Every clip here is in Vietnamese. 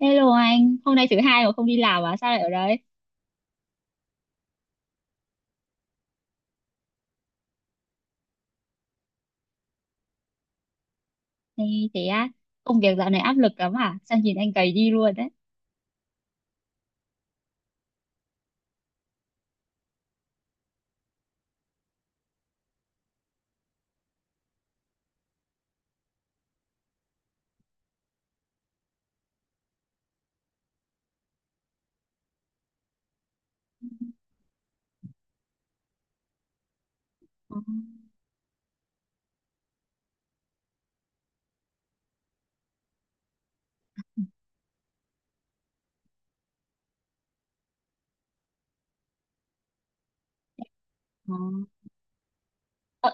Hello anh, hôm nay thứ hai mà không đi làm à? Sao lại ở đấy? Thế, thế á, công việc dạo này áp lực lắm à? Sao nhìn anh gầy đi luôn đấy. Ờ, ờ.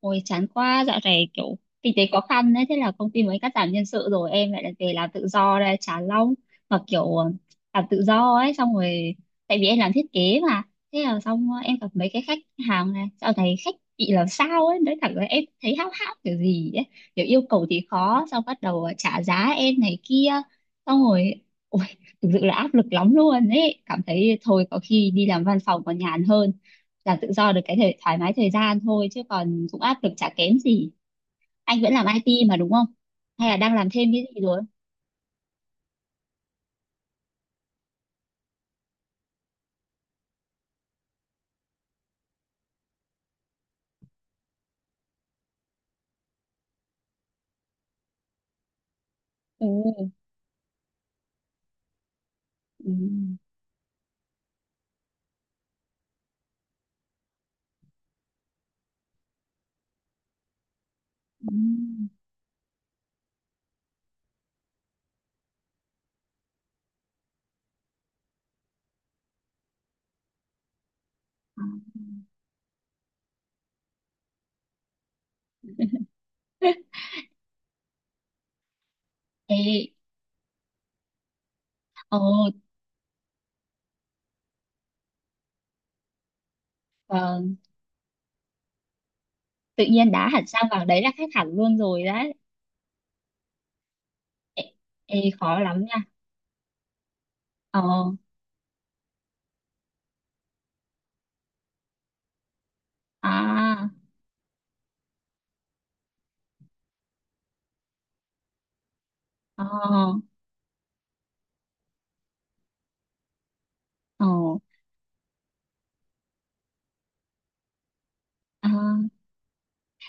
Ôi chán quá, dạo này kiểu kinh tế khó khăn đấy, thế là công ty mới cắt giảm nhân sự rồi em lại lại về làm tự do đây, chán lắm. Mà kiểu làm tự do ấy, xong rồi tại vì em làm thiết kế mà, thế là xong em gặp mấy cái khách hàng này, dạo này khách bị làm sao ấy, nói thẳng là em thấy háo hao kiểu gì ấy, kiểu yêu cầu thì khó, xong bắt đầu trả giá em này kia, xong rồi ôi thực sự là áp lực lắm luôn ấy, cảm thấy thôi có khi đi làm văn phòng còn nhàn hơn làm tự do được cái thời, thoải mái thời gian thôi chứ còn cũng áp lực chả kém gì. Anh vẫn làm IT mà đúng không, hay là đang làm thêm cái gì rồi? Ừ, ừ, ừ. À. Ê, ồ, ờ, tự nhiên đá hẳn sang vào đấy là khác hẳn luôn rồi đấy. Ê, ê, khó lắm nha. Ờ, à, ờ, ờ, à.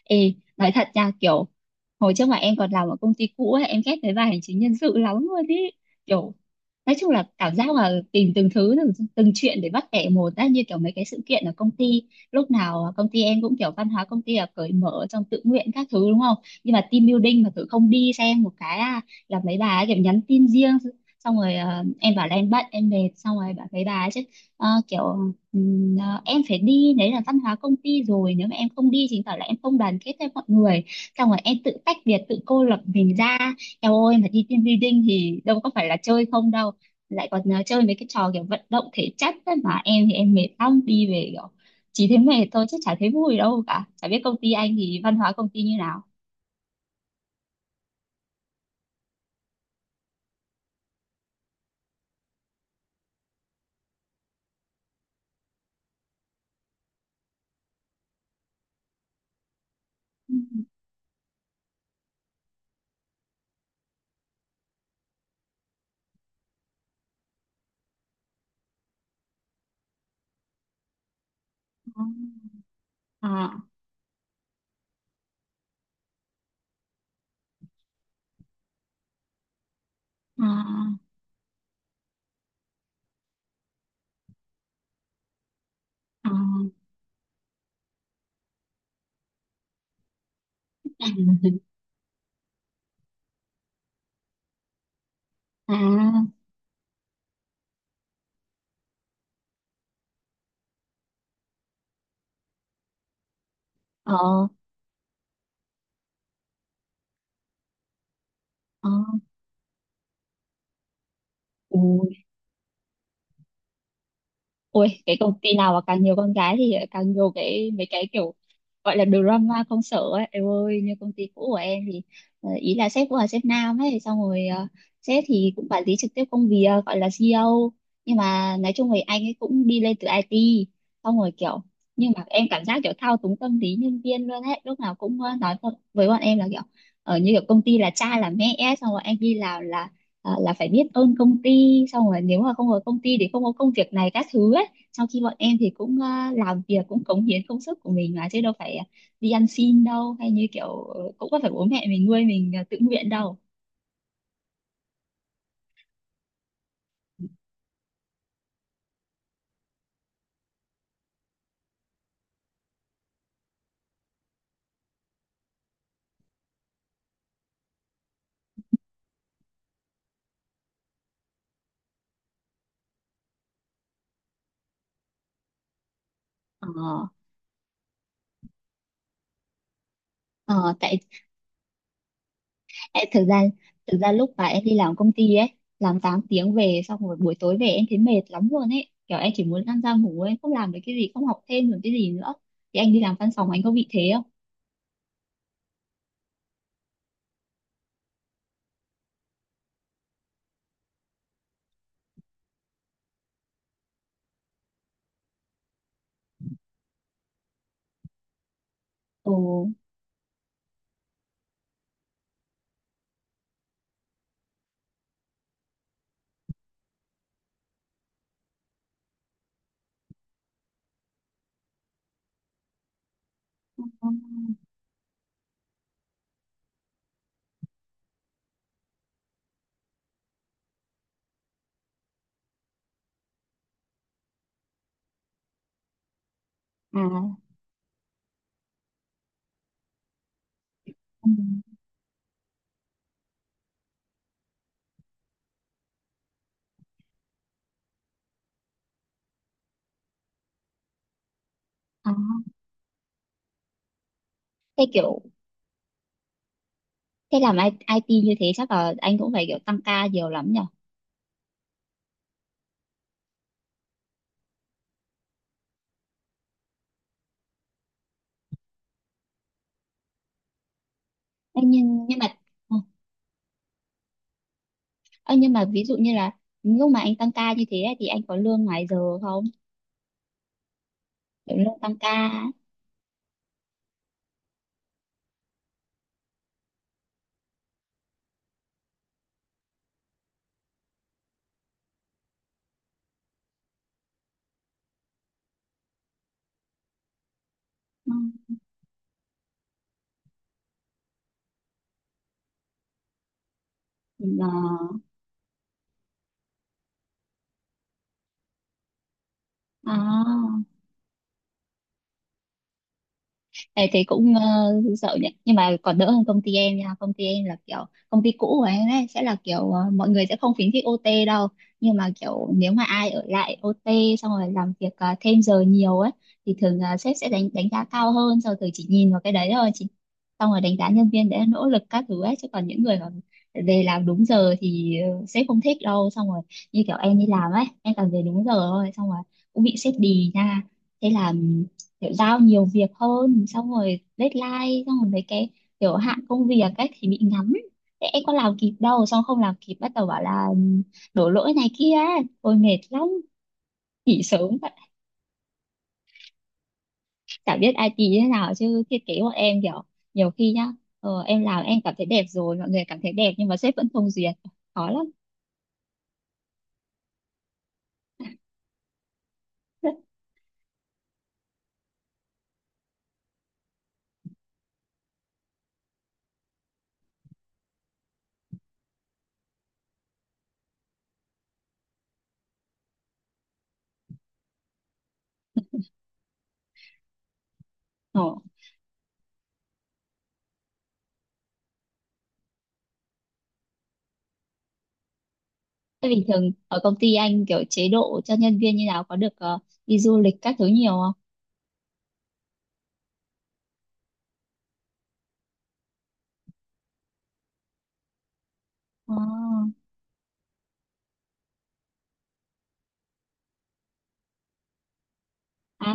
Ê, nói thật nha, kiểu hồi trước mà em còn làm ở công ty cũ ấy, em ghét cái bài hành chính nhân sự lắm luôn ý. Kiểu, nói chung là cảm giác là tìm từng thứ, từng chuyện để bắt bẻ một á, như kiểu mấy cái sự kiện ở công ty. Lúc nào công ty em cũng kiểu văn hóa công ty là cởi mở trong tự nguyện các thứ đúng không? Nhưng mà team building mà thử không đi xem một cái, là mấy bà ấy kiểu nhắn tin riêng. Xong rồi em bảo là em bận, em mệt, xong rồi bảo mấy bà ấy chứ kiểu à, em phải đi đấy là văn hóa công ty rồi, nếu mà em không đi chứng tỏ là em không đoàn kết với mọi người, xong rồi em tự tách biệt tự cô lập mình ra. Em ơi, mà đi team building thì đâu có phải là chơi không đâu, lại còn à, chơi mấy cái trò kiểu vận động thể chất ấy, mà em thì em mệt lắm đi về kiểu chỉ thấy mệt thôi chứ chả thấy vui đâu cả. Chả biết công ty anh thì văn hóa công ty như nào? Ừ, à, à, à. À, à, ờ, ờ, ừ. Ôi, cái công ty nào mà càng nhiều con gái thì càng nhiều cái mấy cái kiểu gọi là drama công sở ấy. Em ơi, như công ty cũ của em thì ý là sếp cũng là sếp nam ấy, xong rồi sếp thì cũng quản lý trực tiếp công việc gọi là CEO. Nhưng mà nói chung thì anh ấy cũng đi lên từ IT, xong rồi kiểu nhưng mà em cảm giác kiểu thao túng tâm lý nhân viên luôn ấy, lúc nào cũng nói con- với bọn em là kiểu ở như kiểu công ty là cha là mẹ ấy, xong rồi anh đi làm là à, là phải biết ơn công ty, xong rồi nếu mà không có công ty thì không có công việc này các thứ ấy. Sau khi bọn em thì cũng làm việc cũng cống hiến công sức của mình mà chứ đâu phải đi ăn xin đâu, hay như kiểu cũng có phải bố mẹ mình nuôi mình tự nguyện đâu. ờ, ờ, tại tại thực ra lúc mà em đi làm công ty ấy, làm 8 tiếng về xong rồi buổi tối về em thấy mệt lắm luôn ấy, kiểu em chỉ muốn lăn ra ngủ, em không làm được cái gì, không học thêm được cái gì nữa. Thì anh đi làm văn phòng anh có bị thế không? Ồ, à, ừ. À, thế kiểu thế làm ai ai ti như thế chắc là anh cũng phải kiểu tăng ca nhiều lắm nhỉ. Ê, nhưng mà ừ. Ê, nhưng mà ví dụ như là lúc mà anh tăng ca như thế ấy, thì anh có lương ngoài giờ không? Kiểu lương tăng ca á. Ừ. Ờ. À. Ê, thì cũng sợ nhỉ, nhưng mà còn đỡ hơn công ty em nha. Công ty em là kiểu công ty cũ của em ấy sẽ là kiểu mọi người sẽ không khuyến khích OT đâu, nhưng mà kiểu nếu mà ai ở lại OT xong rồi làm việc thêm giờ nhiều ấy thì thường là sếp sẽ đánh đánh giá cao hơn, sau rồi chỉ nhìn vào cái đấy thôi chị, xong rồi đánh giá nhân viên để nỗ lực các thứ ấy, chứ còn những người mà về làm đúng giờ thì sếp không thích đâu. Xong rồi như kiểu em đi làm ấy em toàn về đúng giờ thôi, xong rồi cũng bị sếp đì nha, thế là kiểu giao nhiều việc hơn, xong rồi deadline, xong rồi mấy cái kiểu hạn công việc cách thì bị ngắn. Thế em có làm kịp đâu, xong không làm kịp bắt đầu bảo là ừ, đổ lỗi này kia, tôi mệt lắm, nghỉ sớm vậy. Chả biết ai như thế nào chứ thiết kế bọn em kiểu nhiều khi nhá, em làm em cảm thấy đẹp rồi, mọi người cảm thấy đẹp nhưng mà sếp vẫn không duyệt, khó lắm. Ờ. Thế bình thường ở công ty anh kiểu chế độ cho nhân viên như nào, có được đi du lịch các thứ nhiều không? Ờ. À,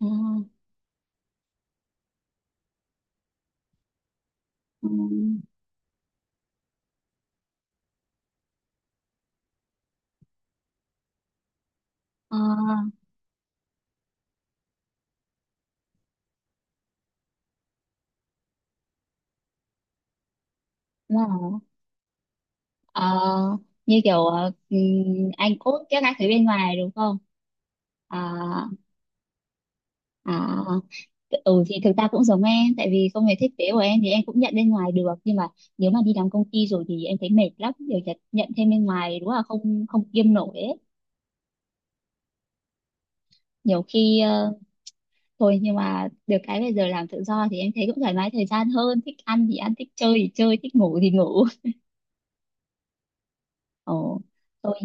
à, ừ. Ờ, đúng rồi. Ờ, Như kiểu anh cốt các anh thấy bên ngoài đúng không? À, à, ừ thì thực ra cũng giống em, tại vì công việc thiết kế của em thì em cũng nhận bên ngoài được, nhưng mà nếu mà đi làm công ty rồi thì em thấy mệt lắm, đều nhận thêm bên ngoài đúng là không, không kiêm nổi ấy. Nhiều khi thôi, nhưng mà được cái bây giờ làm tự do thì em thấy cũng thoải mái thời gian hơn, thích ăn thì ăn, thích chơi thì chơi, thích ngủ thì ngủ. Ồ, thôi.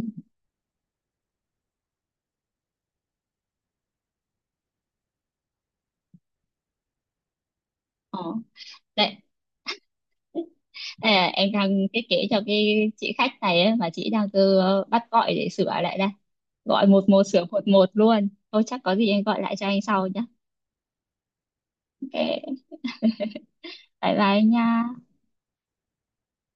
Ồ. Đấy. À, em đang thiết kế cho cái chị khách này ấy, mà chị đang cứ bắt gọi để sửa lại đây, gọi một một sửa một một luôn thôi, chắc có gì em gọi lại cho anh sau nhé. OK, bye bye anh nha.